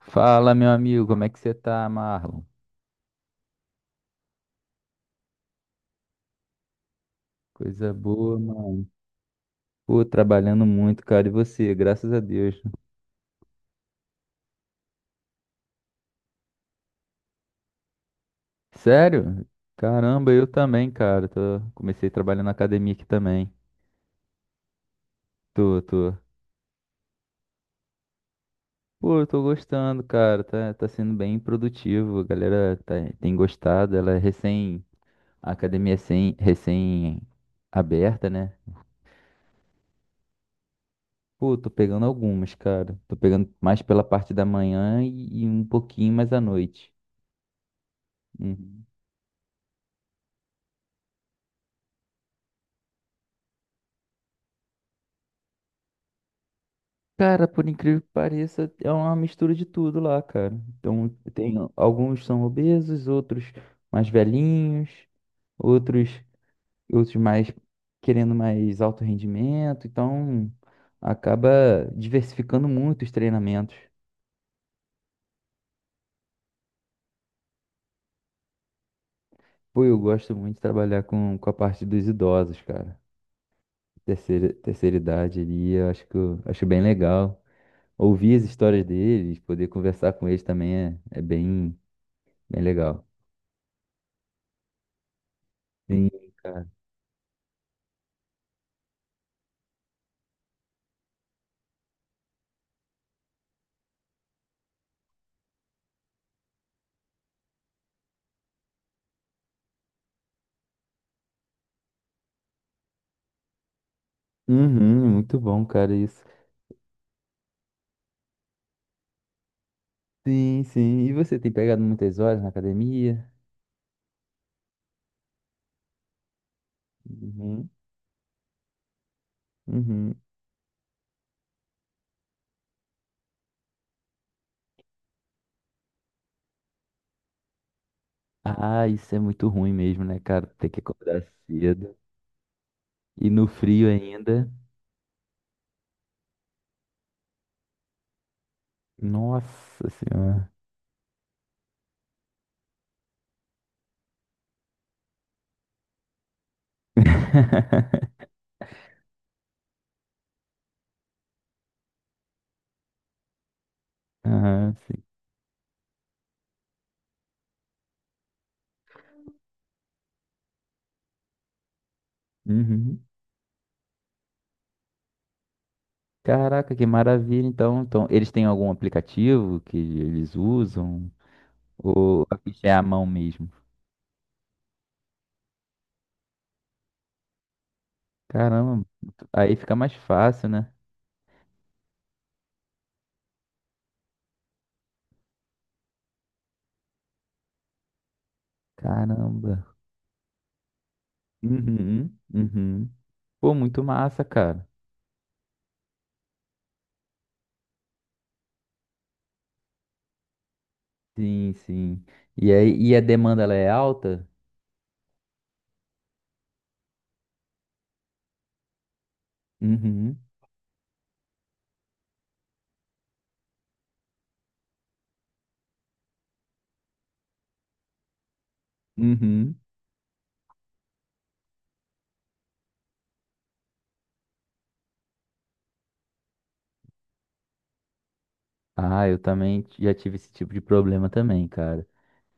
Fala, meu amigo, como é que você tá, Marlon? Coisa boa, mano. Pô, trabalhando muito, cara, e você? Graças a Deus. Sério? Caramba, eu também, cara. Tô. Comecei a trabalhar na academia aqui também. Tô, tô. Pô, eu tô gostando, cara. Tá sendo bem produtivo. A galera tem gostado. Ela é recém. A academia é recém aberta, né? Pô, tô pegando algumas, cara. Tô pegando mais pela parte da manhã e um pouquinho mais à noite. Uhum. Cara, por incrível que pareça, é uma mistura de tudo lá, cara. Então, tem alguns são obesos, outros mais velhinhos, outros outros mais querendo mais alto rendimento. Então, acaba diversificando muito os treinamentos. Pô, eu gosto muito de trabalhar com a parte dos idosos, cara. Terceira idade ali, eu acho que eu acho bem legal. Ouvir as histórias deles, poder conversar com eles também é bem, bem legal. Sim, cara. Uhum, muito bom, cara, isso. Sim, sim. E você tem pegado muitas horas na academia? Uhum, uhum. Ah, isso é muito ruim mesmo, né, cara? Ter que acordar cedo. E no frio ainda. Nossa Senhora. Aham, sim. Uhum. Caraca, que maravilha. Então, eles têm algum aplicativo que eles usam? Ou a ficha é à mão mesmo? Caramba, muito- aí fica mais fácil, né? Caramba. Uhum, uhum. Pô, muito massa, cara. Sim, sim. E aí, e a demanda ela é alta? Uhum, uhum. Ah, eu também já tive esse tipo de problema também, cara.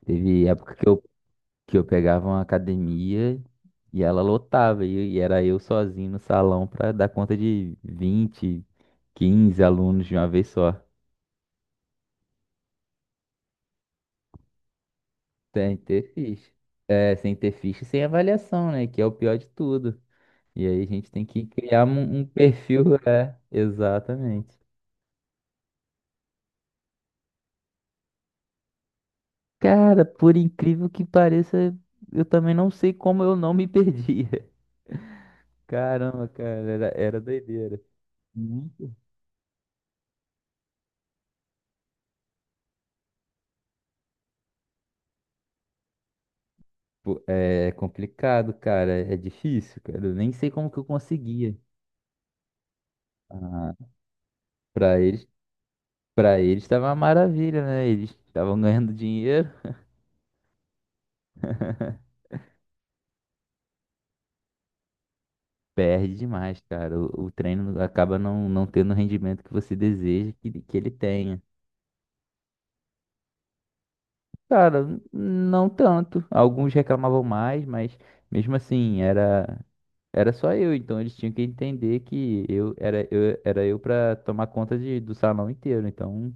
Teve época que eu pegava uma academia e ela lotava, e era eu sozinho no salão pra dar conta de 20 15 alunos de uma vez só. Sem ter ficha. É, sem ter ficha e sem avaliação, né? Que é o pior de tudo. E aí a gente tem que criar um, um perfil, é, exatamente. Cara, por incrível que pareça, eu também não sei como eu não me perdia. Caramba, cara, era doideira. Muito. Pô, é complicado, cara, é difícil, cara. Eu nem sei como que eu conseguia. Ah, para eles, para eles estava uma maravilha, né? Eles estavam ganhando dinheiro. Perde demais, cara. O treino acaba não, não tendo o rendimento que você deseja que ele tenha. Cara, não tanto. Alguns reclamavam mais, mas mesmo assim, era só eu, então eles tinham que entender que eu era eu era eu para tomar conta do salão inteiro, então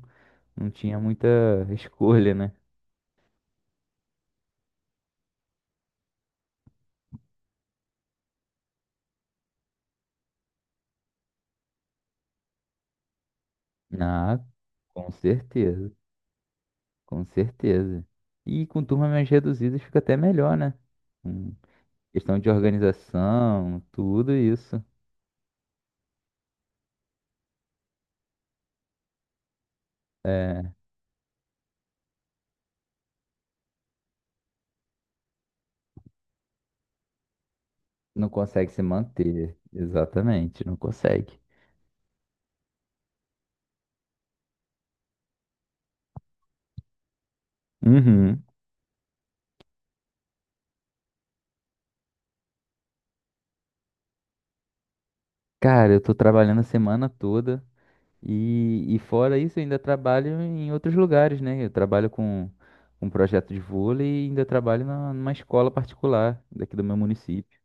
não tinha muita escolha, né? Ah, com certeza, com certeza. E com turmas mais reduzidas fica até melhor, né? Com questão de organização, tudo isso. É, não consegue se manter, exatamente, não consegue. Uhum. Cara, eu tô trabalhando a semana toda e fora isso, eu ainda trabalho em outros lugares, né? Eu trabalho com um projeto de vôlei e ainda trabalho numa escola particular daqui do meu município.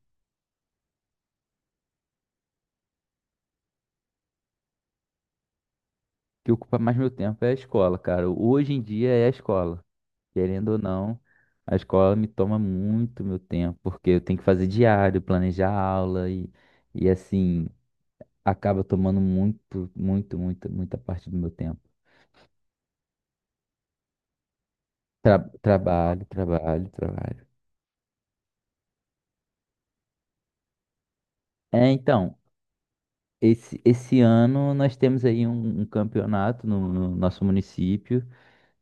O que ocupa mais meu tempo é a escola, cara. Hoje em dia é a escola. Querendo ou não, a escola me toma muito meu tempo, porque eu tenho que fazer diário, planejar aula e assim, acaba tomando muito, muito, muito, muita parte do meu tempo. Trabalho, trabalho, trabalho. É, então. Esse ano nós temos aí um campeonato no nosso município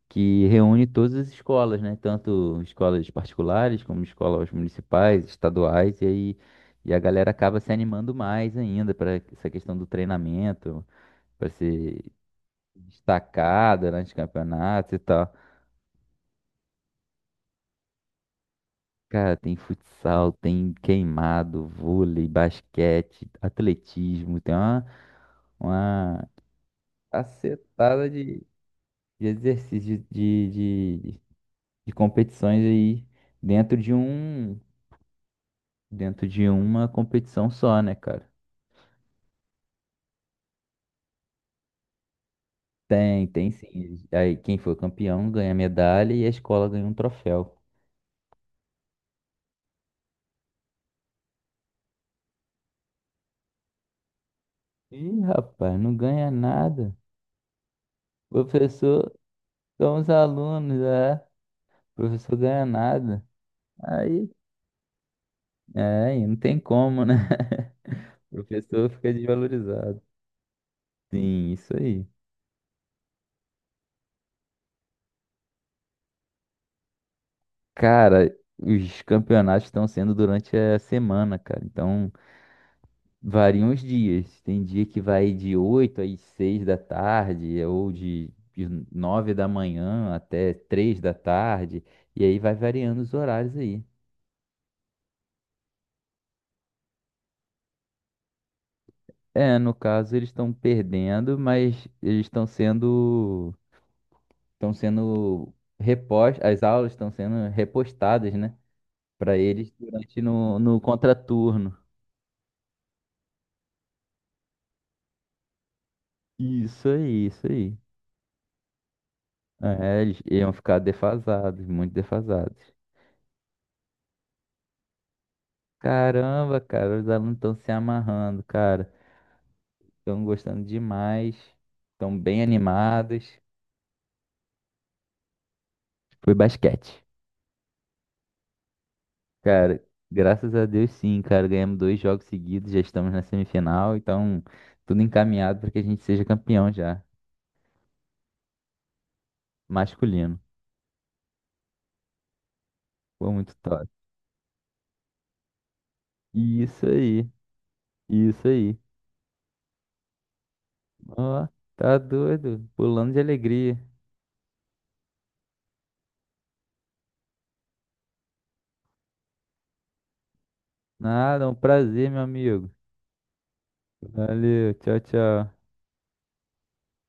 que reúne todas as escolas, né? Tanto escolas particulares como escolas municipais, estaduais, e aí e a galera acaba se animando mais ainda para essa questão do treinamento, para ser destacada durante campeonatos e tal. Cara, tem futsal, tem queimado, vôlei, basquete, atletismo, tem uma cacetada de exercícios de, de competições aí dentro de um dentro de uma competição só, né, cara? Tem sim. Aí quem for campeão ganha medalha e a escola ganha um troféu. Ih, rapaz, não ganha nada. Professor, somos alunos, é. Professor ganha nada. Aí, é, aí, não tem como, né? O professor fica desvalorizado. Sim, isso aí. Cara, os campeonatos estão sendo durante a semana, cara. Então, variam os dias. Tem dia que vai de 8 às 6 da tarde, ou de 9 da manhã até 3 da tarde, e aí vai variando os horários aí. É, no caso, eles estão perdendo, mas estão sendo repostas, as aulas estão sendo repostadas, né? Para eles durante no contraturno. Isso aí, isso aí. É, eles iam ficar defasados, muito defasados. Caramba, cara, os alunos estão se amarrando, cara. Estão gostando demais. Estão bem animados. Foi basquete. Cara, graças a Deus sim, cara. Ganhamos dois jogos seguidos, já estamos na semifinal, então tudo encaminhado para que a gente seja campeão já. Masculino. Foi muito top. Isso aí, isso aí. Ó, tá doido. Pulando de alegria. Nada, é um prazer, meu amigo. Valeu, tchau, tchau.